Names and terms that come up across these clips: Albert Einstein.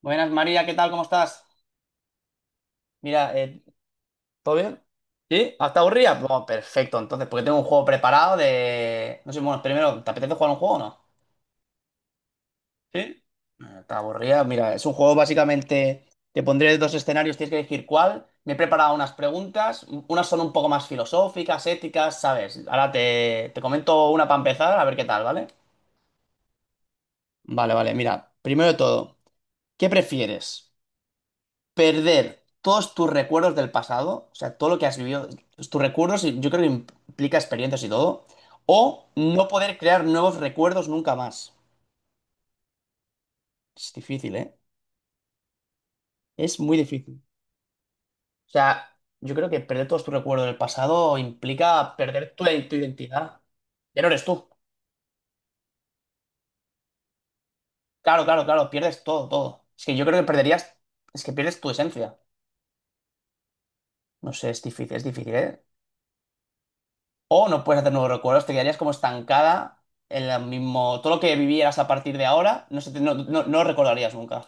Buenas, María, ¿qué tal? ¿Cómo estás? Mira, ¿todo bien? ¿Sí? ¿Hasta aburrida? Bueno, perfecto, entonces, porque tengo un juego preparado de... No sé, bueno, primero, ¿te apetece jugar un juego o no? ¿Sí? Ah, está aburrida, mira, es un juego básicamente... Te pondré dos escenarios, tienes que elegir cuál. Me he preparado unas preguntas, unas son un poco más filosóficas, éticas, ¿sabes? Ahora te comento una para empezar, a ver qué tal, ¿vale? Vale, vale, mira, primero de todo, ¿qué prefieres? Perder todos tus recuerdos del pasado, o sea, todo lo que has vivido, tus recuerdos, y yo creo que implica experiencias y todo, o no poder crear nuevos recuerdos nunca más. Es difícil, ¿eh? Es muy difícil. O sea, yo creo que perder todos tus recuerdos del pasado implica perder tu, tu identidad. Ya no eres tú. Claro, claro, claro, pierdes todo, todo. Es que yo creo que perderías, es que pierdes tu esencia. No sé, es difícil, ¿eh? O no puedes hacer nuevos recuerdos, te quedarías como estancada en la mismo. Todo lo que vivieras a partir de ahora, no, no lo recordarías nunca.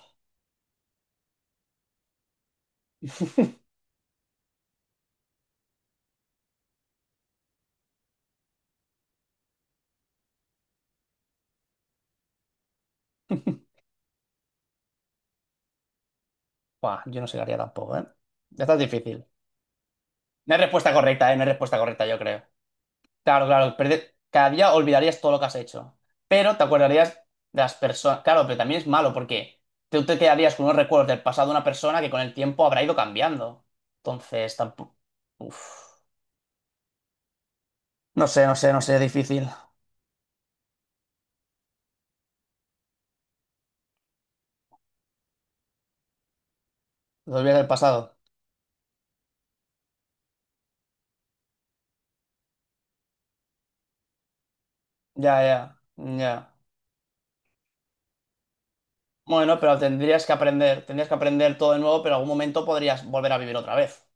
Buah, yo no sé qué haría tampoco, ¿eh? Esta es difícil. No hay respuesta correcta, ¿eh? No hay respuesta correcta, yo creo. Claro, claro. Cada día olvidarías todo lo que has hecho. Pero te acordarías de las personas. Claro, pero también es malo porque tú te quedarías con unos recuerdos del pasado de una persona que con el tiempo habrá ido cambiando. Entonces, tampoco. Uf. No sé, no sé, no sé, difícil. Los días del pasado. Ya, ya, ya. Bueno, pero tendrías que aprender todo de nuevo, pero en algún momento podrías volver a vivir otra vez.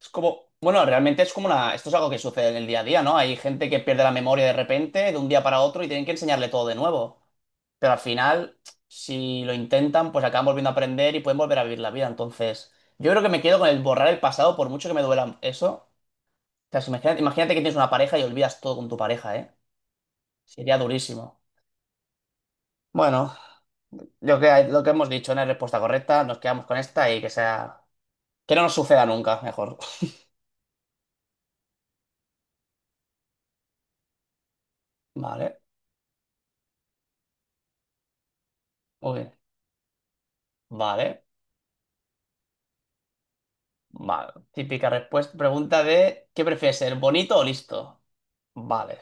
Es como, bueno, realmente es como una, esto es algo que sucede en el día a día, ¿no? Hay gente que pierde la memoria de repente, de un día para otro, y tienen que enseñarle todo de nuevo. Pero al final, si lo intentan, pues acaban volviendo a aprender y pueden volver a vivir la vida. Entonces, yo creo que me quedo con el borrar el pasado, por mucho que me duela eso. O sea, si imagínate, imagínate que tienes una pareja y olvidas todo con tu pareja, ¿eh? Sería durísimo. Bueno, lo lo que hemos dicho no es respuesta correcta, nos quedamos con esta y que sea... Que no nos suceda nunca, mejor. Vale, uy, vale, vale. Típica respuesta, pregunta de ¿qué prefieres, ser bonito o listo? Vale.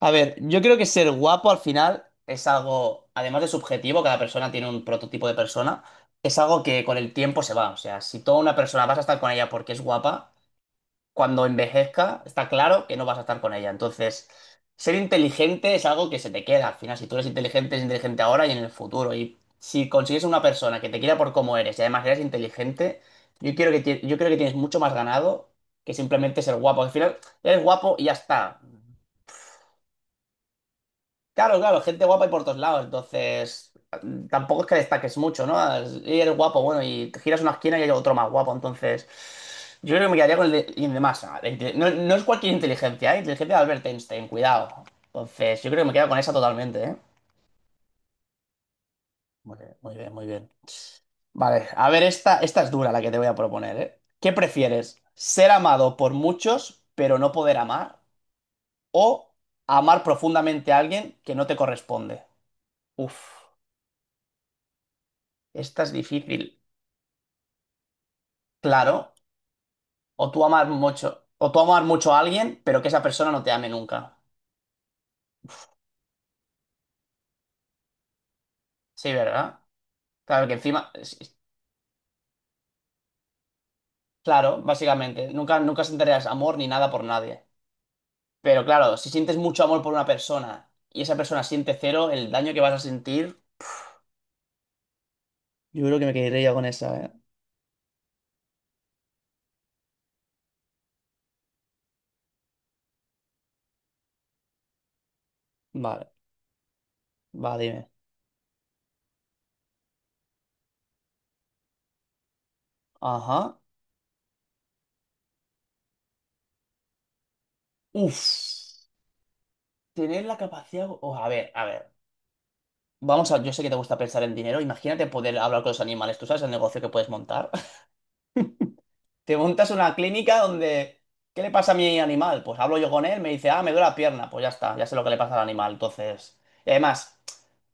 A ver, yo creo que ser guapo al final es algo, además de subjetivo, cada persona tiene un prototipo de persona, es algo que con el tiempo se va. O sea, si toda una persona vas a estar con ella porque es guapa, cuando envejezca, está claro que no vas a estar con ella. Entonces, ser inteligente es algo que se te queda. Al final, si tú eres inteligente ahora y en el futuro. Y si consigues una persona que te quiera por cómo eres y además eres inteligente, yo creo que tienes mucho más ganado que simplemente ser guapo. Al final, eres guapo y ya está. Claro, claro, gente guapa y por todos lados, entonces tampoco es que destaques mucho, ¿no? Y eres guapo, bueno, y te giras una esquina y hay otro más guapo, entonces yo creo que me quedaría con el de, y el de masa. No, no es cualquier inteligencia, ¿eh? Inteligencia de Albert Einstein, cuidado. Entonces yo creo que me quedo con esa totalmente, ¿eh? Muy bien, muy bien, muy bien. Vale, a ver, esta es dura la que te voy a proponer, ¿eh? ¿Qué prefieres? ¿Ser amado por muchos, pero no poder amar? ¿O amar profundamente a alguien que no te corresponde? Uf. Esta es difícil. Claro, o tú amar mucho, o tú amar mucho a alguien, pero que esa persona no te ame nunca. Sí, ¿verdad? Claro que encima, claro, básicamente, nunca, nunca sentirás amor ni nada por nadie. Pero claro, si sientes mucho amor por una persona y esa persona siente cero, el daño que vas a sentir, yo creo que me quedaría con esa, ¿eh? Vale, va, dime. Ajá. Uf. Tener la capacidad. O a ver, a ver. Vamos a. Yo sé que te gusta pensar en dinero. Imagínate poder hablar con los animales. ¿Tú sabes el negocio que puedes montar? Te montas una clínica donde, ¿qué le pasa a mi animal? Pues hablo yo con él, me dice, ah, me duele la pierna. Pues ya está, ya sé lo que le pasa al animal. Entonces, y además,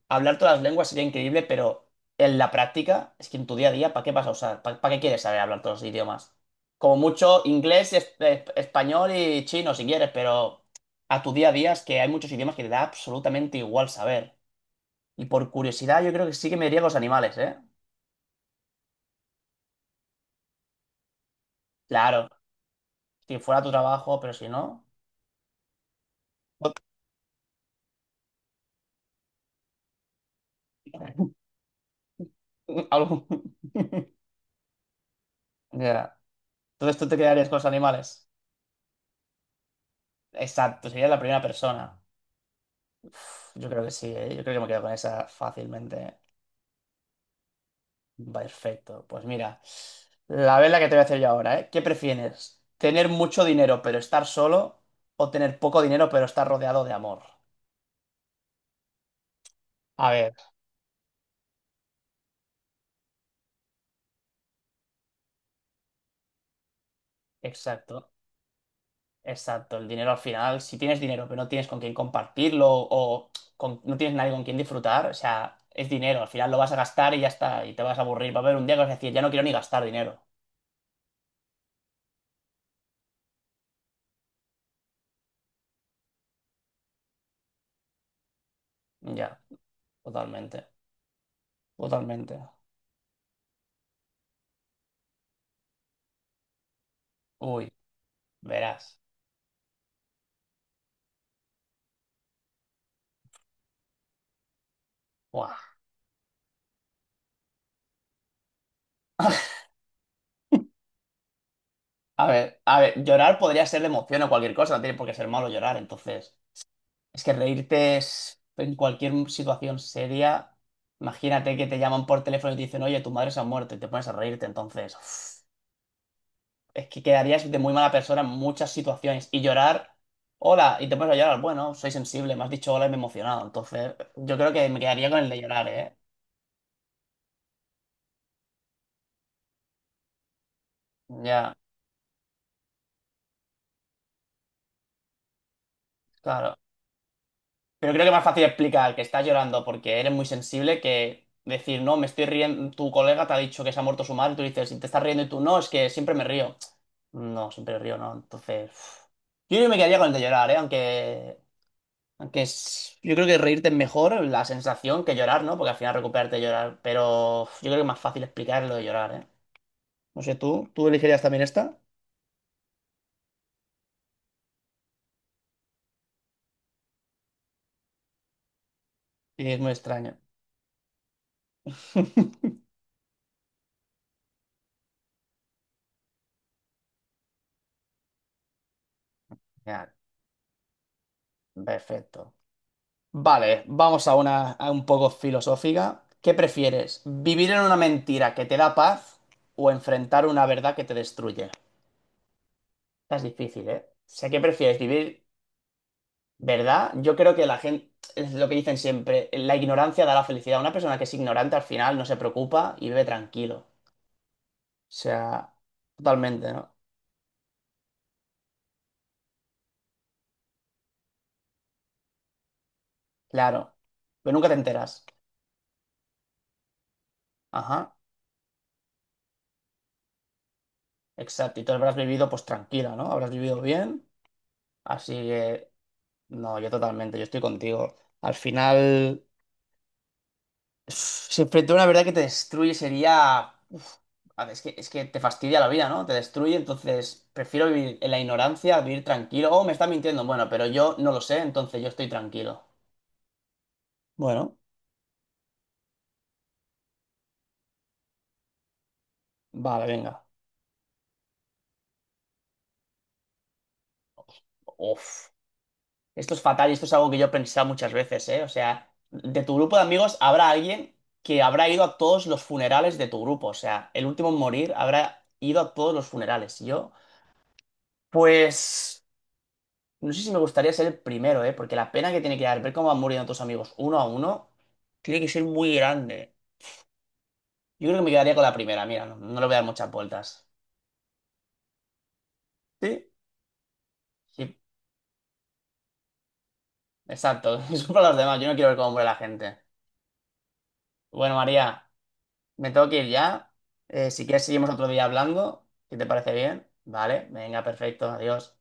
hablar todas las lenguas sería increíble, pero en la práctica, es que en tu día a día, ¿para qué vas a usar? ¿Para qué quieres saber hablar todos los idiomas? Como mucho inglés, español y chino, si quieres, pero a tu día a día es que hay muchos idiomas que te da absolutamente igual saber. Y por curiosidad, yo creo que sí que me iría a los animales, ¿eh? Claro, si fuera tu trabajo, pero si no. Algo. Ya. Entonces tú te quedarías con los animales. Exacto, sería la primera persona. Uf, yo creo que sí, ¿eh? Yo creo que me quedo con esa fácilmente. Perfecto. Pues mira, la vela que te voy a hacer yo ahora, ¿eh? ¿Qué prefieres? ¿Tener mucho dinero pero estar solo o tener poco dinero pero estar rodeado de amor? A ver, exacto. Exacto, el dinero al final, si tienes dinero pero no tienes con quién compartirlo o no tienes nadie con quien disfrutar, o sea, es dinero, al final lo vas a gastar y ya está, y te vas a aburrir. Va a haber un día que vas a decir, ya no quiero ni gastar dinero. Ya, totalmente, totalmente. Uy, verás. Buah. A ver, llorar podría ser de emoción o cualquier cosa, no tiene por qué ser malo llorar, entonces. Es que reírte es en cualquier situación seria. Imagínate que te llaman por teléfono y te dicen, oye, tu madre se ha muerto y te pones a reírte, entonces. Uf. Es que quedarías de muy mala persona en muchas situaciones. Y llorar, hola, y te pones a llorar. Bueno, soy sensible, me has dicho hola y me he emocionado. Entonces, yo creo que me quedaría con el de llorar, ¿eh? Ya, claro. Pero creo que es más fácil explicar que estás llorando porque eres muy sensible que decir, no, me estoy riendo, tu colega te ha dicho que se ha muerto su madre, y tú dices, y te estás riendo y tú, no, es que siempre me río. No, siempre río, no. Entonces, uf. Yo creo que me quedaría con el de llorar, ¿eh? Aunque aunque yo creo que reírte es mejor la sensación que llorar, ¿no? Porque al final recuperarte de llorar. Pero uf, yo creo que es más fácil explicar lo de llorar, ¿eh? No sé, tú elegirías también esta y es muy extraño. Genial, perfecto. Vale, vamos a una a un poco filosófica. ¿Qué prefieres? ¿Vivir en una mentira que te da paz o enfrentar una verdad que te destruye? Esta es difícil, ¿eh? O sea, ¿qué prefieres? ¿Vivir? ¿Verdad? Yo creo que la gente, es lo que dicen siempre, la ignorancia da la felicidad. Una persona que es ignorante al final no se preocupa y vive tranquilo. O sea, totalmente, ¿no? Claro. Pero nunca te enteras. Ajá, exacto. Y tú habrás vivido pues tranquila, ¿no? Habrás vivido bien. Así que, no, yo totalmente, yo estoy contigo. Al final, si enfrentara una verdad que te destruye sería... A ver, es que te fastidia la vida, ¿no? Te destruye, entonces prefiero vivir en la ignorancia, vivir tranquilo. Oh, me está mintiendo. Bueno, pero yo no lo sé, entonces yo estoy tranquilo. Bueno, vale, venga. Uf. Esto es fatal y esto es algo que yo he pensado muchas veces, ¿eh? O sea, de tu grupo de amigos habrá alguien que habrá ido a todos los funerales de tu grupo. O sea, el último en morir habrá ido a todos los funerales. Y yo, pues, no sé si me gustaría ser el primero, ¿eh? Porque la pena que tiene que dar ver cómo van muriendo tus amigos uno a uno tiene que ser muy grande. Yo creo que me quedaría con la primera, mira, no, no le voy a dar muchas vueltas. Sí. Sí, exacto. Disculpa a los demás, yo no quiero ver cómo muere la gente. Bueno, María, me tengo que ir ya. Si quieres, seguimos otro día hablando, si te parece bien. Vale, venga, perfecto, adiós.